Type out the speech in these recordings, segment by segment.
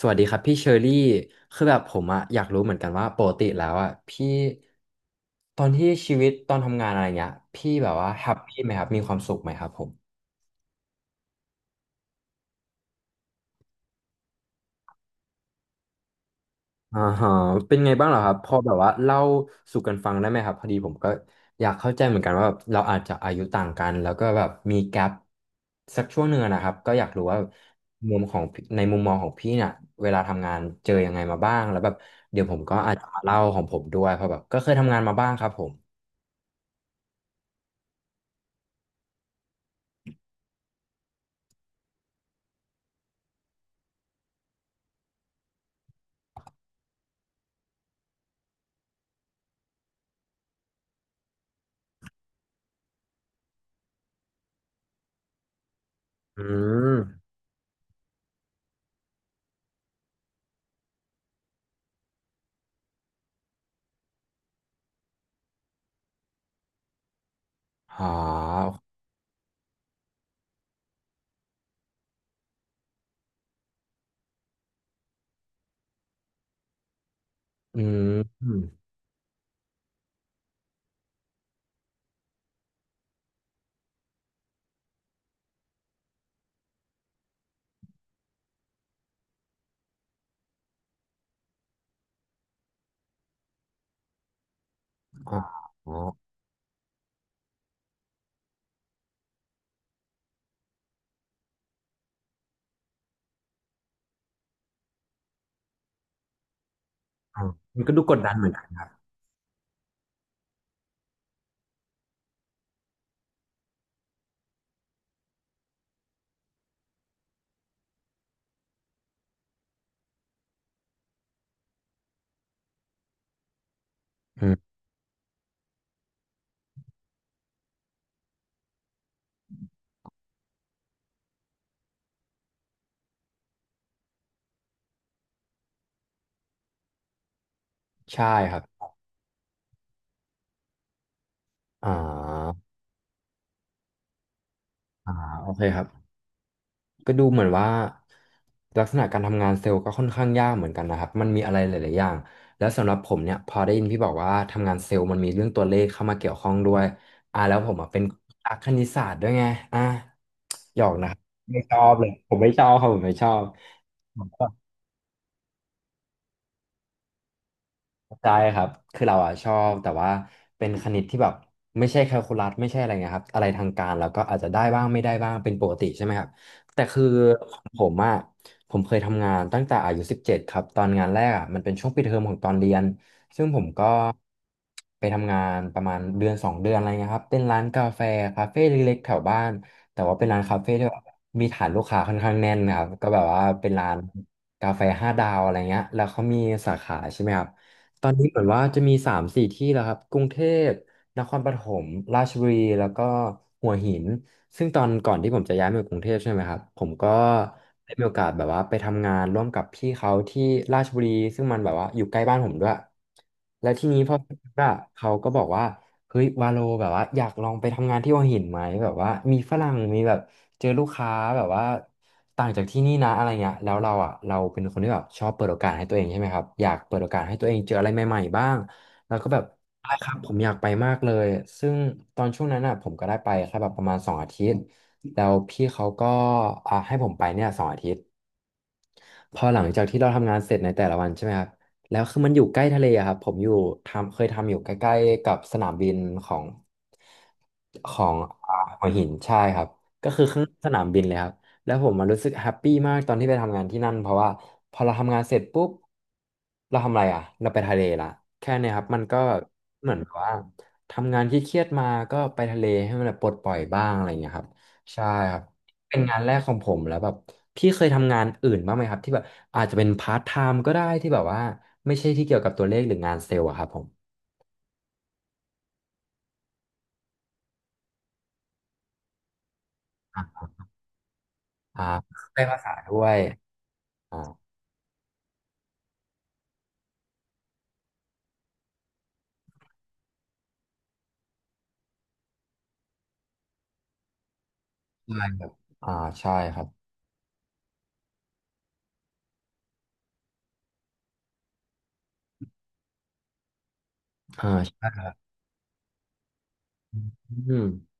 สวัสดีครับพี่เชอรี่คือแบบผมอยากรู้เหมือนกันว่าปกติแล้วอะพี่ตอนที่ชีวิตตอนทำงานอะไรเงี้ยพี่แบบว่าแฮปปี้ไหมครับมีความสุขไหมครับผมอ่าฮะเป็นไงบ้างเหรอครับพอแบบว่าเล่าสู่กันฟังได้ไหมครับพอดีผมก็อยากเข้าใจเหมือนกันว่าแบบเราอาจจะอายุต่างกันแล้วก็แบบมีแกปสักช่วงหนึ่งอะนะครับก็อยากรู้ว่ามุมของพี่ในมุมมองของพี่เนี่ยเวลาทำงานเจอยังไงมาบ้างแล้วแบบเดี๋ยวผมก็อาจจะมาเล่าของผมด้วยเพราะแบบก็เคยทำงานมาบ้างครับผม อืมอ๋ออืมอ๋ออ๋ออ๋อมันก็ดูกดดันเหมือนกันครับอืมใช่ครับอ่าอ่าโอเคครับก็ดูเหมือนว่าลักษณะการทำงานเซลล์ก็ค่อนข้างยากเหมือนกันนะครับมันมีอะไรหลายๆอย่างแล้วสำหรับผมเนี่ยพอได้ยินพี่บอกว่าทำงานเซลล์มันมีเรื่องตัวเลขเข้ามาเกี่ยวข้องด้วยแล้วผมอ่ะเป็นนักคณิตศาสตร์ด้วยไงอ่าหยอกนะครับไม่ชอบเลยผมไม่ชอบครับผมไม่ชอบ ได้ครับ คือเราอ่ะชอบแต่ว่าเป็นคณิตที่แบบไม่ใช่แคลคูลัสไม่ใช่อะไรเงี้ยครับอะไรทางการแล้วก็อาจจะได้บ้างไม่ได้บ้างเป็นปกติใช่ไหมครับแต่คือของผมอ่ะผมเคยทำงานตั้งแต่อายุ17ครับตอนงานแรกอ่ะมันเป็นช่วงปิดเทอมของตอนเรียนซึ่งผมก็ไปทำงานประมาณเดือน 2 เดือนอะไรเงี้ยครับเป็นร้านกาแฟคาเฟ่เล็กๆแถวบ้านแต่ว่าเป็นร้านคาเฟ่ที่แบบมีฐานลูกค้าค่อนข้างแน่นนะครับก็แบบว่าเป็นร้านกาแฟ5 ดาวอะไรเงี้ยแล้วเขามีสาขาใช่ไหมครับ ตอนนี้เหมือนว่าจะมี3-4ที่แล้วครับกรุงเทพ นครปฐมราชบุรีแล้วก็หัวหินซึ่งตอนก่อนที่ผมจะย้ายมาอยู่กรุงเทพใช่ไหมครับผมก็ได้มีโอกาสแบบว่าไปทำงานร่วมกับพี่เขาที่ราชบุรีซึ่งมันแบบว่าอยู่ใกล้บ้านผมด้วยและทีนี้พอว่าเขาก็บอกว่าเฮ้ยวาโลแบบว่าอยากลองไปทำงานที่หัวหินไหมแบบว่ามีฝรั่งมีแบบเจอลูกค้าแบบว่าต่างจากที่นี่นะอะไรเงี้ยแล้วเราอ่ะเราเป็นคนที่แบบชอบเปิดโอกาสให้ตัวเองใช่ไหมครับอยากเปิดโอกาสให้ตัวเองเจออะไรใหม่ๆบ้าง แล้วก็แบบได้ครับผมอยากไปมากเลยซึ่งตอนช่วงนั้นอ่ะผมก็ได้ไปแค่แบบประมาณสองอาทิตย์แล้วพี่เขาก็ให้ผมไปเนี่ยสองอาทิตย์ พอหลังจากที่เราทำงานเสร็จในแต่ละวันใช่ไหมครับแล้วคือมันอยู่ใกล้ทะเลอะครับผมอยู่เคยทำอยู่ใกล้ๆกับสนามบินของของอ่าหัวหินใช่ครับก็คือข้างสนามบินเลยครับแล้วผมมันรู้สึกแฮปปี้มากตอนที่ไปทำงานที่นั่นเพราะว่าพอเราทำงานเสร็จปุ๊บเราทำอะไรอ่ะเราไปทะเลละแค่เนี้ครับมันก็เหมือนแบบว่าทำงานที่เครียดมาก็ไปทะเลให้มันแบบปลดปล่อยบ้างอะไรอย่างเงี้ยครับใช่ครับ เป็นงานแรกของผมแล้วแบบพี่เคยทำงานอื่นบ้างไหมครับที่แบบอาจจะเป็นพาร์ทไทม์ก็ได้ที่แบบว่าไม่ใช่ที่เกี่ยวกับตัวเลขหรืองานเซลล์อะครับผมอ่ะอ่าได้ภาษาด้วยอ่าใช่อ่าใช่ครับอ่าอืม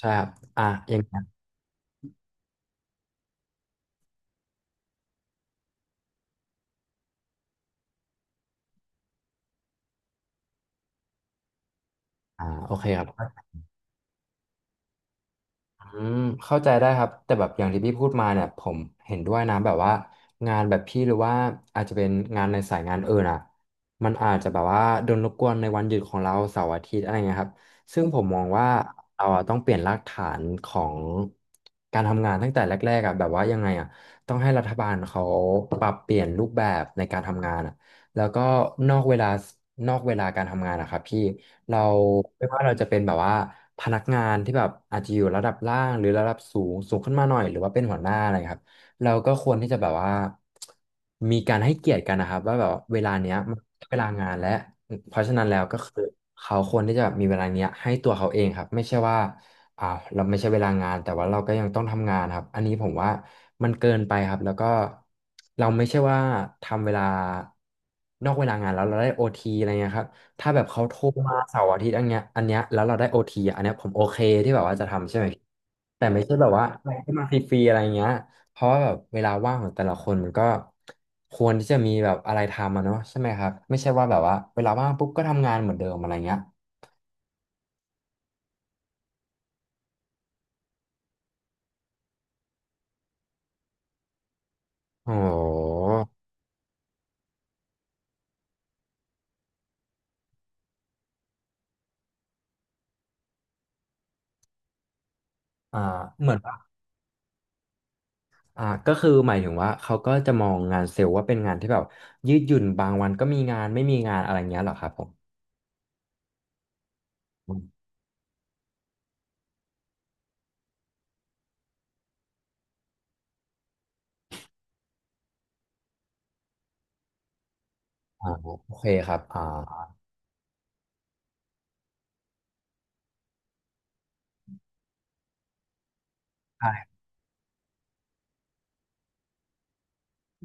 ใช่ครับอ่ะยังไงอ่าโอเคครับ อืมเข้าใจได้ครับแต่แบบอย่างที่พี่พูดมาเนี่ยผมเห็นด้วยนะแบบว่างานแบบพี่หรือว่าอาจจะเป็นงานในสายงานอื่นอ่ะมันอาจจะแบบว่าโดนรบกวนในวันหยุดของเราเสาร์อาทิตย์อะไรเงี้ยครับซึ่งผมมองว่าเราอะต้องเปลี่ยนรากฐานของการทำงานตั้งแต่แรกๆอ่ะแบบว่ายังไงอ่ะต้องให้รัฐบาลเขาปรับเปลี่ยนรูปแบบในการทำงานอ่ะแล้วก็นอกเวลานอกเวลาการทำงานนะครับพี่ เราไม่ว่าเราจะเป็นแบบว่าพนักงานที่แบบอาจจะอยู่ระดับล่างหรือระดับสูงขึ้นมาหน่อยหรือว่าเป็นหัวหน้าอะไรครับเราก็ควรที่จะแบบว่ามีการให้เกียรติกันนะครับว่าแบบเวลาเนี้ยมันเวลางานและเพราะฉะนั้นแล้วก็คือเขาควรที่จะมีเวลาเนี้ยให้ตัวเขาเองครับไม่ใช่ว่าอ่าวเราไม่ใช่เวลางานแต่ว่าเราก็ยังต้องทำงานครับอันนี้ผมว่ามันเกินไปครับแล้วก็เราไม่ใช่ว่าทำเวลานอกเวลางานแล้วเราได้โอทีอะไรเงี้ยครับ ถ้าแบบเขาโทรมาเสาร์อาทิตย์อันเนี้ยแล้วเราได้โอทีอันเนี้ยผมโอเคที่แบบว่าจะทำใช่ไหมพี่แต่ไม่ใช่แบบว่าให้มาฟรีๆอะไรเงี้ยเพราะว่าแบบเวลาว่างของแต่ละคนมันก็ควรที่จะมีแบบอะไรทำอะเนาะใช่ไหมครับไม่ใช่ว่าแบบว่าเวลาว่างปุ๊บก็ทำงานเหมือนเดิมอะไรเงี้ยโอ้โหอ่าเหมือนว่าอ่าก็คือหมายถึงว่าเขาก็จะมองงานเซลล์ว่าเป็นงานที่แบบยืดหยุ่นบางวันก็มีงานไม่มีงานอะไรเงี้ยเหรอครับผมอมอ่าโอเคครับอ่า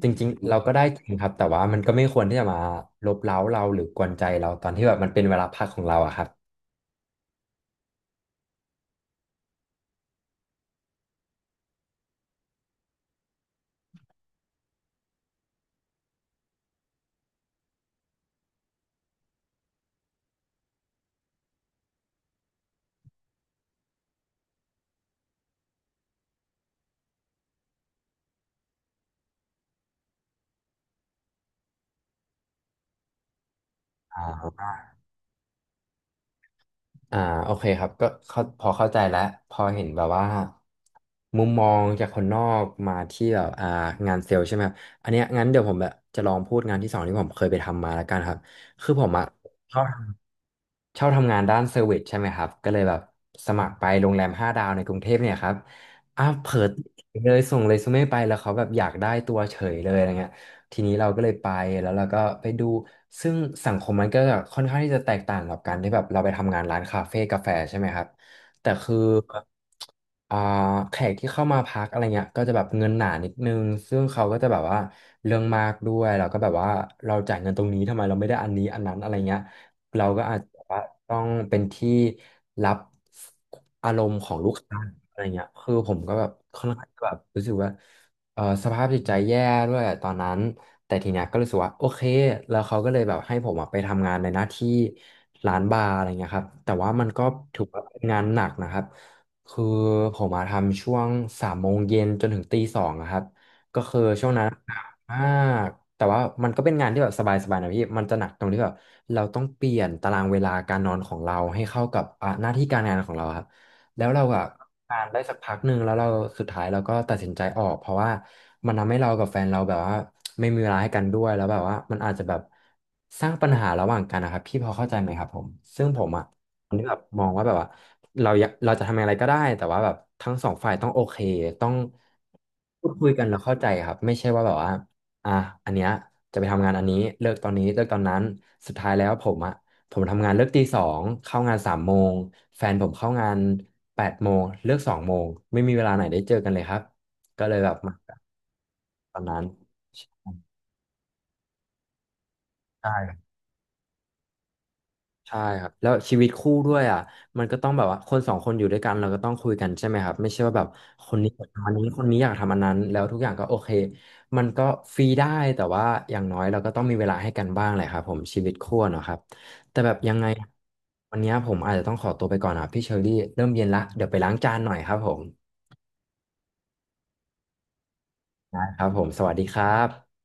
จริงๆ เราก็ได้จริงครับแต่ว่ามันก็ไม่ควรที่จะมาลบเร้าเราหรือกวนใจเราตอนที่แบบมันเป็นเวลาพักของเราอะครับอ่าอ่าโอเคครับก็เข้าพอเข้าใจแล้วพอเห็นแบบว่ามุมมองจากคนนอกมาที่แบบอ่างานเซลล์ใช่ไหมครับอันเนี้ยงั้นเดี๋ยวผมแบบจะลองพูดงานที่สองที่ผมเคยไปทำมาแล้วกันครับ คือผมอะ ชอบทำงานด้านเซอร์วิสใช่ไหมครับก็เลยแบบสมัครไปโรงแรมห้าดาวในกรุงเทพเนี่ยครับอ่ะเผิดเลยส่งเรซูเม่ไปแล้วเขาแบบอยากได้ตัวเฉยเลยอะไรเงี้ยทีนี้เราก็เลยไปแล้วเราก็ไปดูซึ่งสังคมมันก็ค่อนข้างที่จะแตกต่างกับการที่แบบเราไปทำงานร้านคาเฟ่กาแฟใช่ไหมครับแต่คืออ่าแขกที่เข้ามาพักอะไรเงี้ยก็จะแบบเงินหนานิดนึงซึ่งเขาก็จะแบบว่าเรื่องมากด้วยเราก็แบบว่าเราจ่ายเงินตรงนี้ทำไมเราไม่ได้อันนี้อันนั้นอะไรเงี้ย เราก็อาจจะว่าต้องเป็นที่รับอารมณ์ของลูกค้าอะไรเงี้ยคือผมก็แบบค่อนข้างแบบรู้สึกว่าเออสภาพจิตใจแย่ด้วยตอนนั้น แต่ทีเนี้ยก็รู้สึกว่าโอเค แล้วเขาก็เลยแบบให้ผมอะไปทำงานในหน้าที่ร้านบาร์อะไรเงี้ยครับ แต่ว่ามันก็ถือว่าเป็นงานหนักนะครับ คือผมมาทำช่วงสามโมงเย็นจนถึงตีสองอะครับ ก็คือช่วงนั้น อ่าแต่ว่ามันก็เป็นงานที่แบบสบายๆนะพี่มันจะหนักตรงที่แบบเราต้องเปลี่ยนตารางเวลาการนอนของเราให้เข้ากับอ่าหน้าที่การงานของเราครับแล้วเราอะการได้สักพักหนึ่งแล้วเราสุดท้ายเราก็ตัดสินใจออกเพราะว่ามันทำให้เรากับแฟนเราแบบว่าไม่มีเวลาให้กันด้วยแล้วแบบว่ามันอาจจะแบบสร้างปัญหาระหว่างกันนะครับพี่พอเข้าใจไหมครับผมซึ่งผมอะคนที่แบบมองว่าแบบว่าเราอยากเราจะทำอะไรก็ได้แต่ว่าแบบทั้งสองฝ่ายต้องโอเคต้องพูดคุยกันแล้วเข้าใจครับไม่ใช่ว่าแบบว่า อ่ะอันเนี้ยจะไปทำงานอันนี้เลิกตอนนี้เลิกตอนนั้นสุดท้ายแล้วผมอ่ะผมทำงานเลิกตีสองเข้างานสามโมงแฟนผมเข้างานแปดโมงเลิกสองโมงไม่มีเวลาไหนได้เจอกันเลยครับก็เลยแบบมาตอนนั้นใช่ ใช่ครับแล้วชีวิตคู่ด้วยอ่ะมันก็ต้องแบบว่าคนสองคนอยู่ด้วยกันเราก็ต้องคุยกันใช่ไหมครับไม่ใช่ว่าแบบคนนี้อยากทำอันนี้คนนี้อยากทำอันนั้นแล้วทุกอย่างก็โอเคมันก็ฟรีได้แต่ว่าอย่างน้อยเราก็ต้องมีเวลาให้กันบ้างแหละครับผมชีวิตคู่เนาะครับแต่แบบยังไงวันนี้ผมอาจจะต้องขอตัวไปก่อนนะครับพี่เชอรี่เริ่มเย็นละเดี๋ยวไปล้างจานหน่อยครับผมนะครับผมสวัสดีครับ